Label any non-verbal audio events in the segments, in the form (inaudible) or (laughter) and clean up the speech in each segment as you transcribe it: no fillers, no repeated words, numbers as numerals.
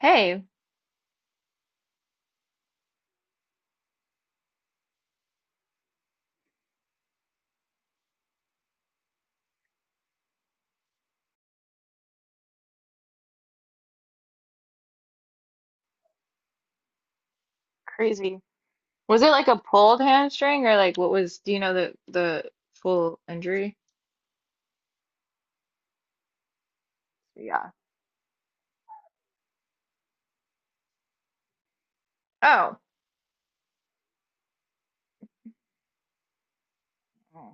Hey, crazy. Was it like a pulled hamstring or like what was, do you know the full injury? Yeah. Oh. Oh,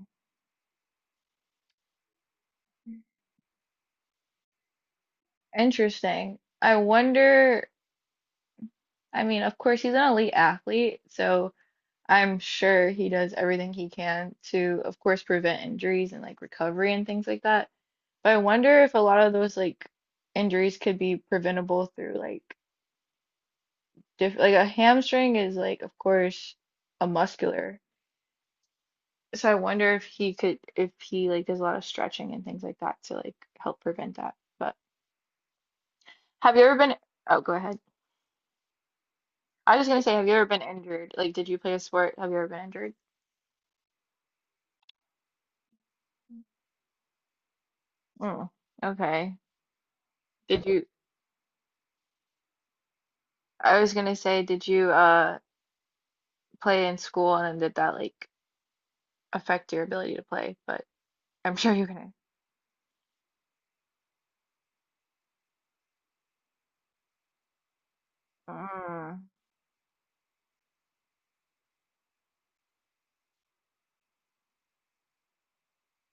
interesting. I wonder, I mean, of course he's an elite athlete, so I'm sure he does everything he can to, of course, prevent injuries and like recovery and things like that. But I wonder if a lot of those like injuries could be preventable through like diff like a hamstring is, like, of course, a muscular. So I wonder if he could, if he like does a lot of stretching and things like that to like help prevent that. But have you ever been, oh, go ahead. I was gonna say, have you ever been injured? Like, did you play a sport? Have you ever been injured? Oh, okay. Did you, I was gonna say, did you play in school and then did that like affect your ability to play? But I'm (laughs) sure you can. Mm,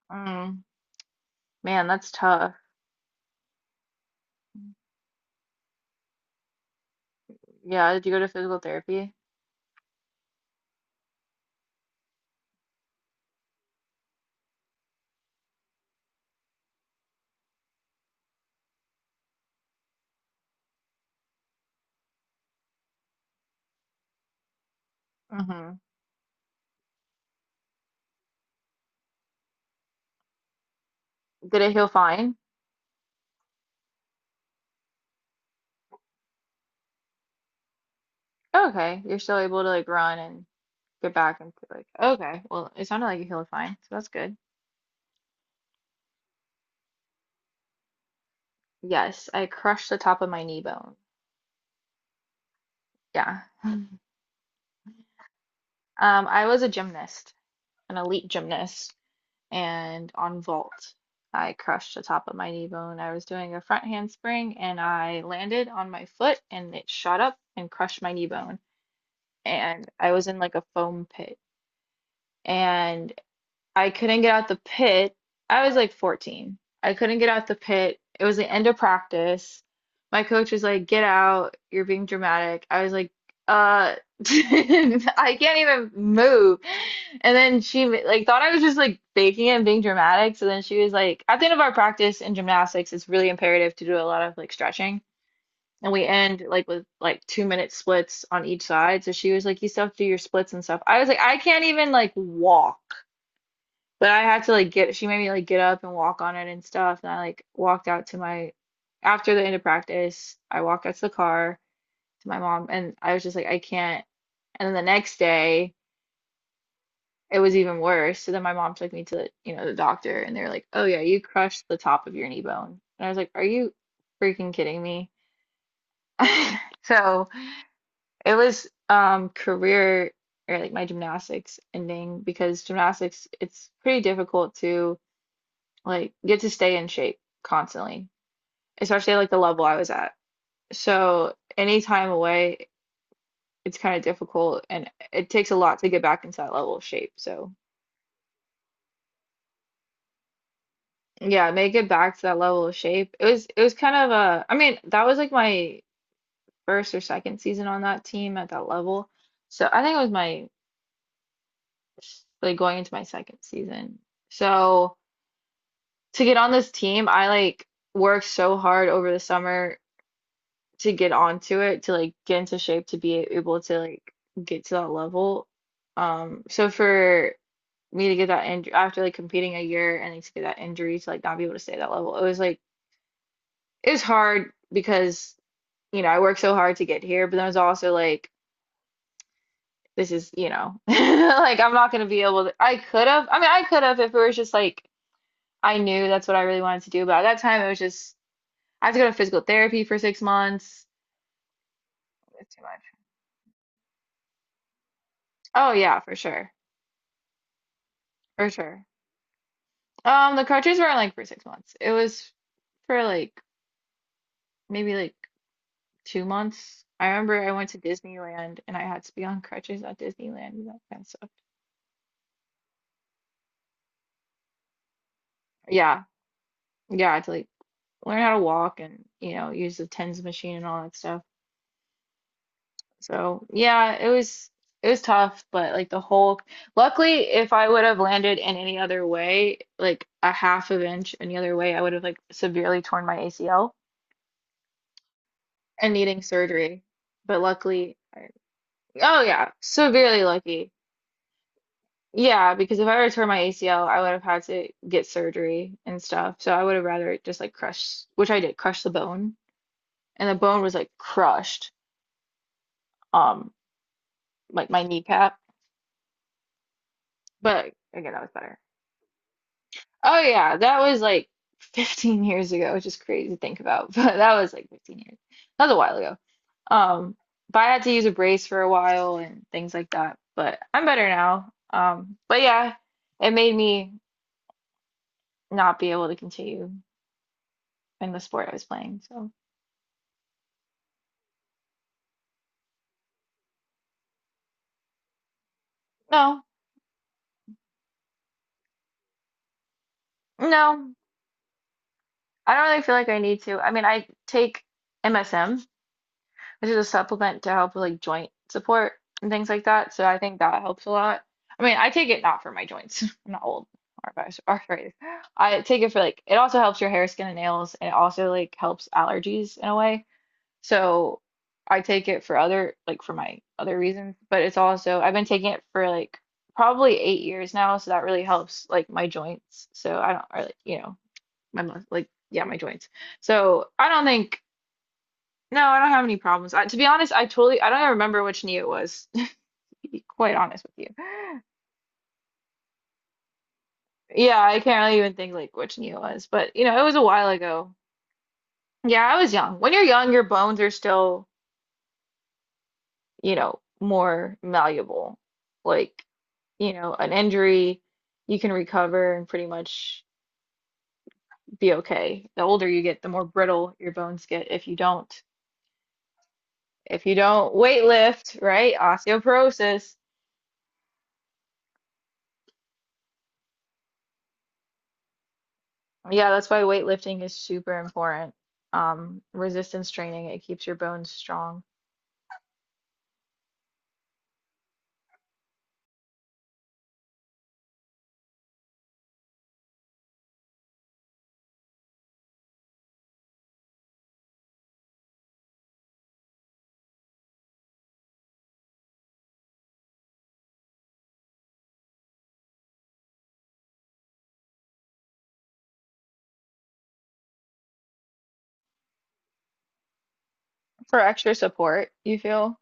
mm, man, that's tough. Yeah, did you go to physical therapy? Mm-hmm. Did it heal fine? Okay, you're still able to like run, get back into like, okay, well it sounded like you healed fine, so that's good. Yes, I crushed the top of my knee bone. Yeah. (laughs) I was a gymnast, an elite gymnast, and on vault I crushed the top of my knee bone. I was doing a front handspring and I landed on my foot and it shot up and crushed my knee bone. And I was in like a foam pit and. I couldn't get out the pit. I was like 14. I couldn't get out the pit. It was the end of practice. My coach was like, "Get out. You're being dramatic." I was like, "Uh, (laughs) I can't even move." And then she like thought I was just like faking it and being dramatic. So then she was like, "At the end of our practice in gymnastics, it's really imperative to do a lot of like stretching." And we end like with like 2 minute splits on each side. So she was like, "You still have to do your splits and stuff." I was like, "I can't even like walk." But I had to like get, she made me like get up and walk on it and stuff. And I like walked out to my, after the end of practice, I walked out to the car to my mom and I was just like, I can't. And then the next day, it was even worse. So then my mom took me to, the, you know, the doctor and they were like, oh yeah, you crushed the top of your knee bone. And I was like, are you freaking kidding me? (laughs) So it was career or like my gymnastics ending because gymnastics, it's pretty difficult to, like, you have to stay in shape constantly, especially like the level I was at. So any time away, it's kind of difficult and it takes a lot to get back into that level of shape. So yeah, make it back to that level of shape. It was kind of a, I mean, that was like my first or second season on that team at that level. So I think it was my like going into my second season. So to get on this team, I like worked so hard over the summer to get onto it, to like get into shape to be able to like get to that level. So for me to get that injury after like competing a year and then to get that injury to like not be able to stay at that level, it was like it was hard because I worked so hard to get here, but then it was also like this is. (laughs) Like, I'm not gonna be able to. I could have. I mean, I could have if it was just like, I knew that's what I really wanted to do, but at that time it was just, I have to go to physical therapy for 6 months. It's too much. Oh yeah, for sure, for sure. The cartridges weren't like for 6 months. It was for like maybe like 2 months. I remember I went to Disneyland and I had to be on crutches at Disneyland and that kind of stuff. Yeah, yeah, to like learn how to walk and use the TENS machine and all that stuff. So yeah, it was tough, but like the whole. Luckily, if I would have landed in any other way, like a half of inch any other way, I would have like severely torn my ACL and needing surgery. But luckily, I, oh yeah, severely lucky. Yeah, because if I were to tear my ACL, I would have had to get surgery and stuff. So I would have rather just like crushed, which I did, crush the bone, and the bone was like crushed, um, like my kneecap. But again, that was better. Oh yeah, that was like 15 years ago, which is crazy to think about, (laughs) but that was like 15 years. That was a while ago. Um, but I had to use a brace for a while and things like that. But I'm better now. But it made me not be able to continue in the sport I was playing. So no, no, I don't really feel like I need to. I mean, I take MSM, which is a supplement to help with like joint support and things like that. So I think that helps a lot. I mean, I take it not for my joints. (laughs) I'm not old or arthritis. I take it for like, it also helps your hair, skin, and nails, and it also like helps allergies in a way. So I take it for other, like for my other reasons, but it's also, I've been taking it for like probably 8 years now. So that really helps like my joints. So I don't, or like, my, like, yeah, my joints. So I don't think, no, I don't have any problems. I, to be honest, I totally, I don't even remember which knee it was, (laughs) to be quite honest with you. Yeah, I can't really even think like which knee it was, but it was a while ago. Yeah, I was young. When you're young, your bones are still, more malleable. Like, an injury, you can recover and pretty much be okay. The older you get, the more brittle your bones get if you don't weight lift, right? Osteoporosis. Yeah, that's why weightlifting is super important. Resistance training, it keeps your bones strong for extra support, you feel?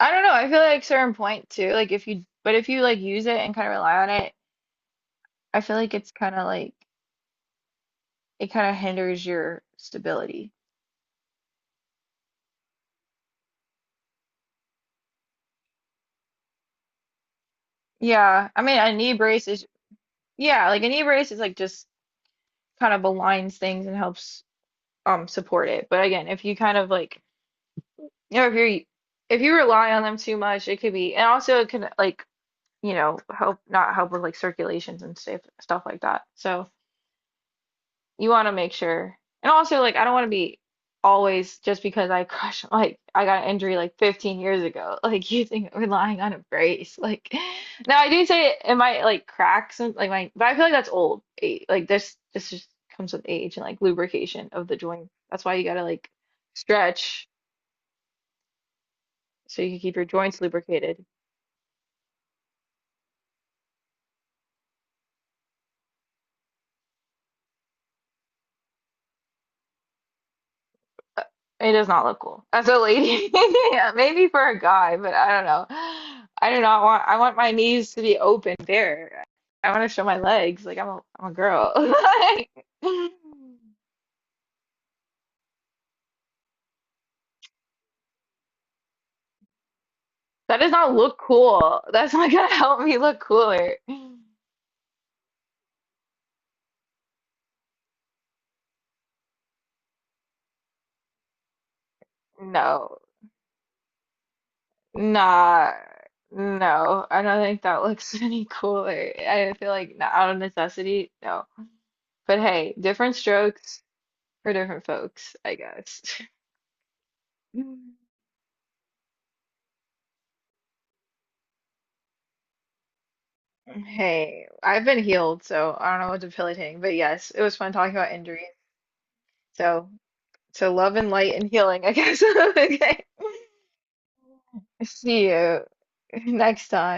I don't know, I feel like certain point too, like if you, but if you like use it and kind of rely on it, I feel like it's kind of like, it kind of hinders your stability. Yeah, I mean, a knee brace is, yeah, like an e-brace is like just kind of aligns things and helps support it. But again, if you kind of like, if you're, if you rely on them too much, it could be, and also it can like help, not help, with like circulations and stuff like that. So, you want to make sure. And also, like, I don't want to be always just because I (laughs) crush, like, I got an injury like 15 years ago, (laughs) like, you using relying on a brace. Like, (laughs) now I do say it, it might like crack some, like, my, but I feel like that's old. Like, this just comes with age and like lubrication of the joint. That's why you gotta like stretch so you can keep your joints lubricated. Uh, It does not look cool as a lady. (laughs) Yeah, maybe for a guy, but I don't know. I do not want. I want my knees to be open, bare. I want to show my legs. Like I'm a girl. (laughs) Like, that does not look cool. That's not gonna help me look cooler. No, Nah, no. I don't think that looks (laughs) any cooler. I feel like not out of necessity, no. But hey, different strokes for different folks, I guess. (laughs) Hey, I've been healed, so I don't know what's debilitating, but yes, it was fun talking about injuries. So, so love and light and healing, I guess. (laughs) Okay. See you next time.